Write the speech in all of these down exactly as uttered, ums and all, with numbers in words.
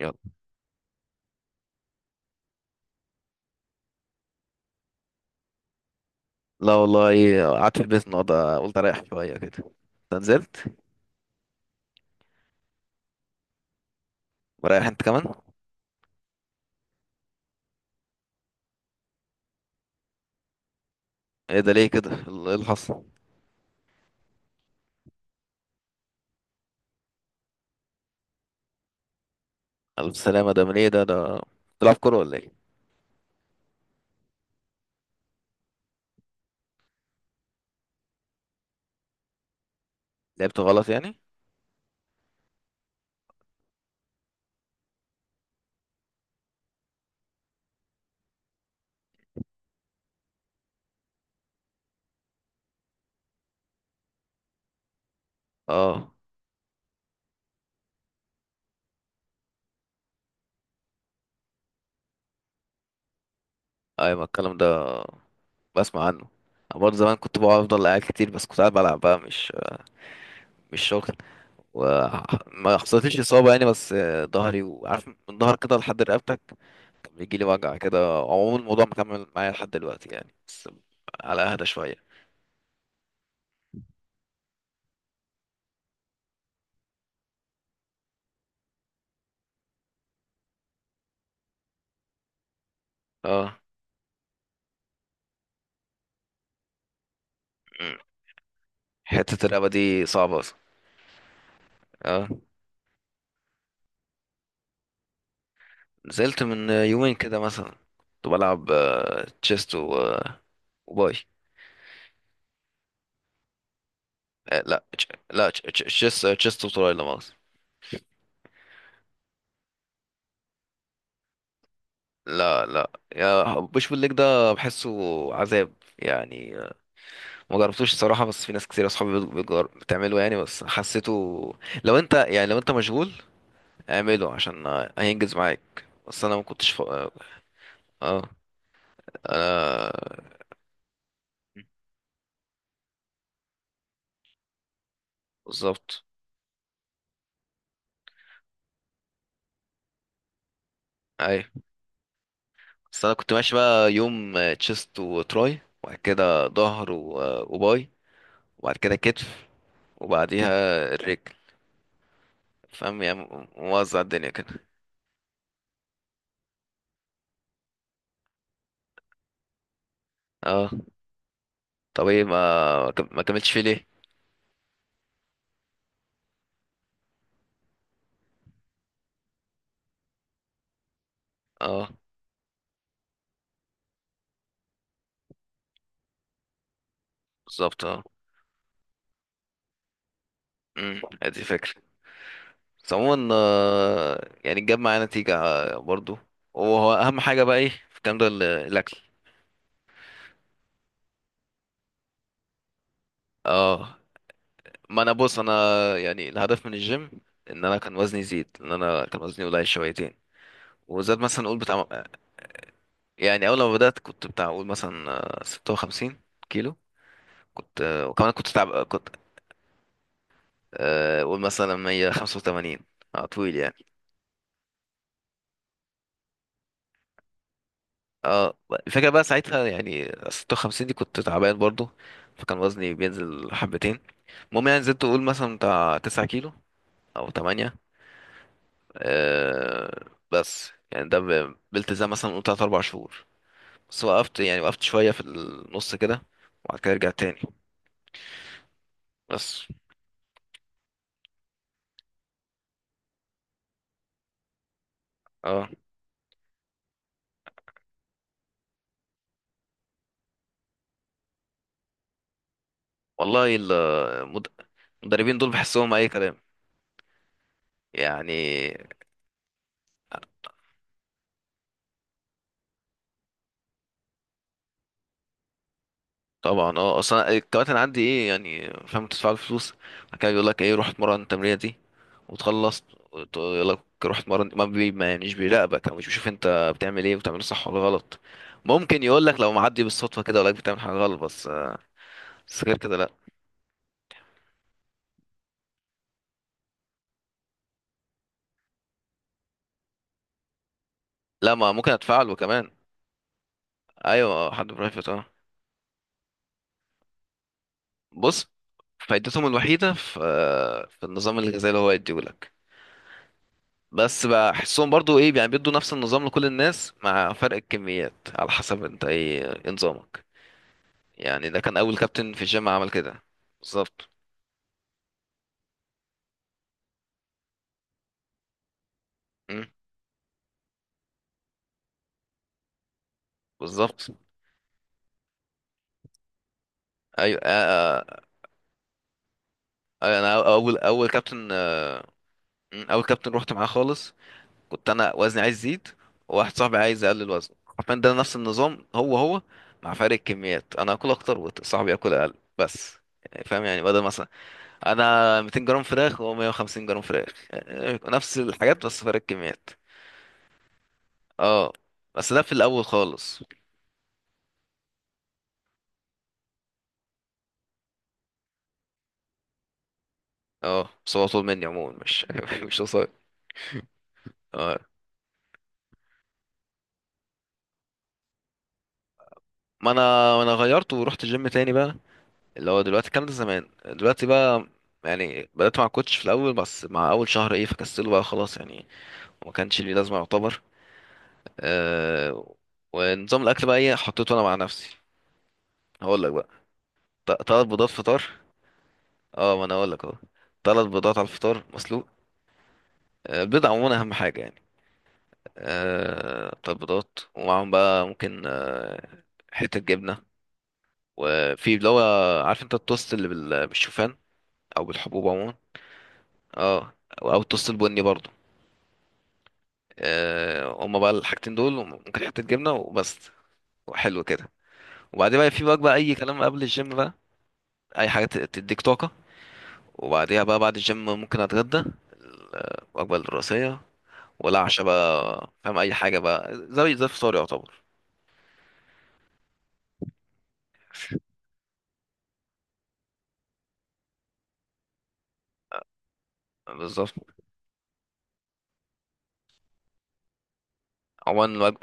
يلا. لا والله قعدت في البيت النهارده، قلت اريح شويه كده. انت نزلت؟ مريح انت كمان؟ ايه ده، ليه كده؟ ايه اللي حصل؟ الف سلامه، ده من ايه ده ده؟ بتلعب كوره ولا ايه؟ لعبت غلط يعني؟ اه، ايوه الكلام ده بسمع عنه. أنا برضه زمان كنت بقعد، افضل قاعد كتير، بس كنت قاعد بلعب بقى، مش مش شغل، وما حصلتليش اصابه يعني. بس ظهري، وعارف من ظهر كده لحد رقبتك، كان بيجي لي وجع كده. عموما الموضوع مكمل معايا لحد دلوقتي يعني، بس على اهدى شويه. اه، حتة الرقبة دي صعبة أصلا. اه، نزلت من يومين كده مثلا. كنت بلعب آه، تشيست و... آه، وباي. آه، لا تش- لا تش- تش- تشيست، تشيست وتراي، لا مؤاخذة. لا لا، يا بوش بالليج ده بحسه عذاب يعني. آه، ما جربتوش الصراحة، بس في ناس كتير أصحابي بت- بتجر- بتعمله يعني، بس حسيته. لو أنت يعني لو أنت مشغول اعمله، عشان آه، هينجز معاك، بس أنا ما كنتش ف... اه. آه، أنا بالظبط. أي، بس انا كنت ماشي بقى يوم آه، تشيست وتراي، وبعد كده ظهر و- آه، وباي، وبعد كده كتف، وبعديها الرجل. فاهم يعني، م- موزع الدنيا كده. اه، طب ايه ما، ما كملتش فيه ليه؟ اه، بالظبط اه. امم ادي فكرة. بس عموما آه، يعني جاب معايا نتيجة آه، برضو. وهو اهم حاجة بقى ايه في الكلام ده؟ ال- الاكل. اه، ما انا بص، انا يعني الهدف من الجيم ان انا كان وزني يزيد، ان انا كان وزني قليل شويتين، وزاد مثلا نقول بتاع. يعني اول ما بدات كنت بتاع اقول مثلا آه، ستة وخمسين كيلو. كنت آه، وكمان كنت تعب، كنت آه، اقول مثلا مية وخمسة وتمانين. اه طويل يعني. اه، الفكره بقى ساعتها يعني ست وخمسين دي، كنت تعبان برضو، فكان وزني بينزل حبتين. المهم يعني زدت اقول مثلا بتاع تسعة كيلو او تمانية، آه. بس يعني ده ب- بالتزام مثلا قلت ثلاثة، اربعة شهور بس. وقفت يعني، وقفت شويه في النص كده، وبعد كده رجعت تاني، بس. اه، والله المد... المدربين دول بحسهم اي كلام يعني. طبعا اه، اصلا الكباتن عندي ايه يعني، فاهم، تدفع له فلوس، بعد كده بيقول لك ايه، روح اتمرن التمرينه دي وتخلص، وت- يقول لك روح اتمرن، ما بي ما يعني، مش بيراقبك او مش بيشوف انت بتعمل ايه، وبتعمله صح ولا غلط. ممكن يقول لك لو معدي بالصدفه كده ولا بتعمل حاجه غلط، بس. بس غير كده لا. لا، ما ممكن ادفع له كمان. ايوه، حد برايفت اه. بص، فائدتهم الوحيده في في النظام الغذائي اللي هو يديه لك، بس بحسهم برضو ايه يعني، بيدوا نفس النظام لكل الناس مع فرق الكميات على حسب انت ايه، إيه نظامك يعني. ده كان اول كابتن في الجيم عمل كده. بالظبط. مم، بالظبط. ايوه آه، آه، آه، انا اول اول كابتن آه، مم، اول كابتن رحت معاه خالص كنت انا وزني عايز يزيد، وواحد صاحبي عايز يقلل وزنه، حرفيا ده نفس النظام هو هو، مع فرق الكميات، انا اكل اكتر وصاحبي ياكل اقل، بس. يعني فاهم، يعني بدل مثلا انا ميتين جرام فراخ وهو مية وخمسين جرام فراخ، يعني نفس الحاجات بس فرق الكميات. اه، بس ده في الاول خالص. اه، بس هو طول مني عموما، مش مش قصير. اه، ما انا، ما انا غيرت ورحت جيم تاني بقى، اللي هو دلوقتي الكلام ده، زمان دلوقتي بقى. يعني بدأت مع كوتش في الأول، بس مع أول شهر إيه، فكسله بقى خلاص يعني، وما كانش ليه لازمة يعتبر. أه، ونظام الأكل بقى إيه، حطيته أنا مع نفسي، هقول لك بقى. ت- تلات بيضات فطار. اه، ما أنا هقول لك أهو، تلات بيضات على الفطار مسلوق. آه، البيض عموما اهم حاجه يعني. آه، بتاع البيضات، ومعاهم بقى ممكن آه، حته جبنه، وفي اللي هو، عارف انت التوست اللي بال- بالشوفان، او بالحبوب عموما؟ اه، او التوست البني برضو. آه، هما بقى الحاجتين دول، ممكن حته جبنه وبس، وحلو كده. وبعدين بقى في بقى, بقى اي كلام قبل الجيم بقى، اي حاجه ت- تديك طاقه. وبعديها بقى، بعد الجيم ممكن اتغدى الوجبه الرئيسيه، ولا عشاء بقى، فاهم، اي حاجه بقى زي زي الفطار يعتبر. بالظبط. عموما الوج-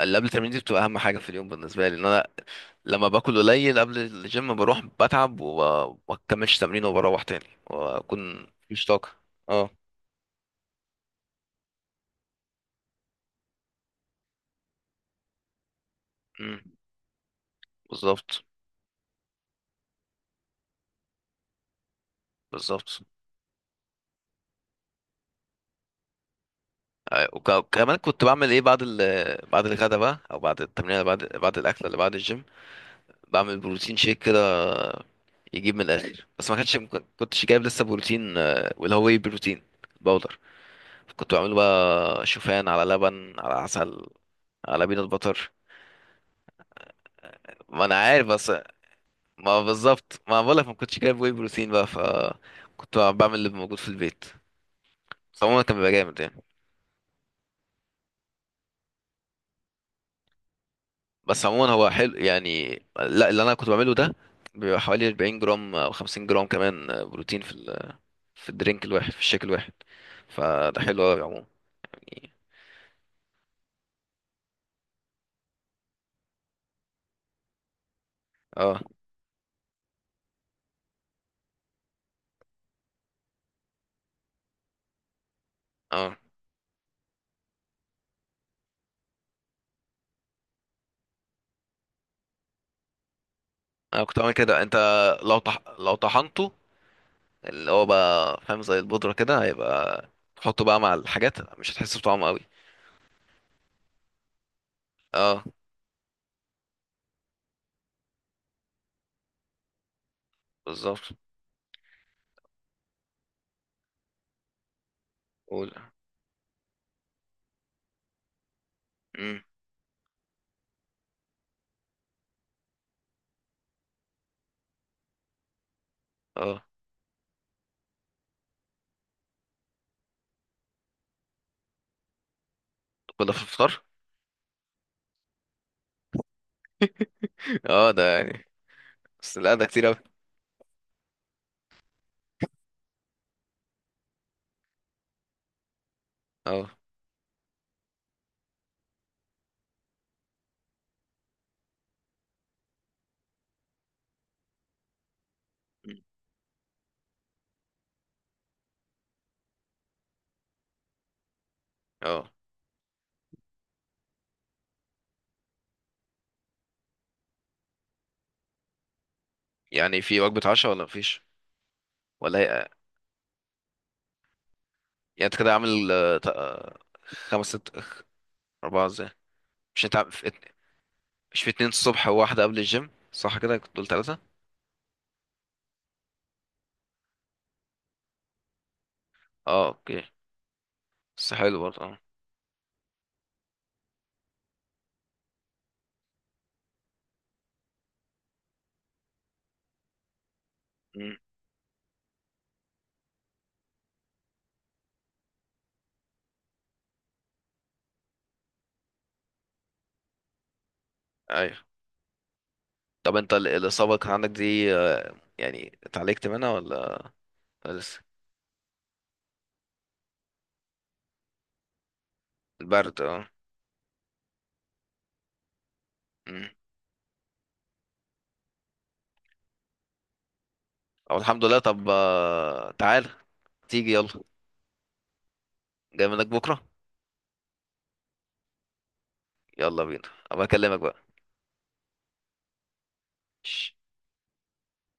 اللي قبل التمرين دي بتبقى اهم حاجه في اليوم بالنسبه لي، ان انا لما باكل قليل قبل الجيم، بروح بتعب وما بكملش تمرين، وبروح تاني واكون مش طاقه. اه. امم. بالظبط. بالظبط. آه، وك- وكمان كنت بعمل ايه بعد ال بعد الغدا بقى، او بعد التمرين اللي بعد، بعد الاكل اللي بعد الجيم، بعمل بروتين شيك كده، يجيب من الاخر. بس ما كانش، ما كنتش جايب لسه بروتين آه، واللي هو واي بروتين باودر. كنت بعمله بقى شوفان على لبن على عسل على بينات بطر. ما انا عارف، بس ما بالظبط، ما بقولك ما كنتش جايب واي بروتين بقى، ف كنت بعمل اللي موجود في البيت. بس عموما كان بيبقى جامد يعني. بس عموما هو حلو يعني، لا اللي انا كنت بعمله ده بيبقى حوالي اربعين جرام او خمسين جرام كمان بروتين في ال... في الدرينك الواحد، في الشيك الواحد، فده حلو قوي عموما يعني. اه. اه، انا كنت بعمل كده، انت لو طح... لو طحنته، اللي هو بقى فاهم زي البودرة كده هيبقى، تحطه بقى مع الحاجات، مش هتحس بطعمه قوي. اه، بالظبط. قول. امم. اه. ولا في الفطار؟ اه، ده يعني، بس لا ده كتير اوي. اه. اه، يعني في وجبة عشاء ولا مفيش؟ ولا هي يعني، انت كده عامل آه، ت- آه، خمس ست؟ اربعة ازاي، مش انت عامل- في ات- مش في اتنين الصبح، وواحدة قبل الجيم، صح كده كنت قلت تلاتة. اه، اوكي. بس حلو برضه اه. مم. ايوه. طب انت ال- الإصابة كان عندك دي آه، يعني اتعالجت منها ولا لسه؟ البرد اه. مم. او الحمد لله. طب آه، تعال تيجي يلا، جاي منك بكرة. يلا بينا، ابقى اكلمك بقى.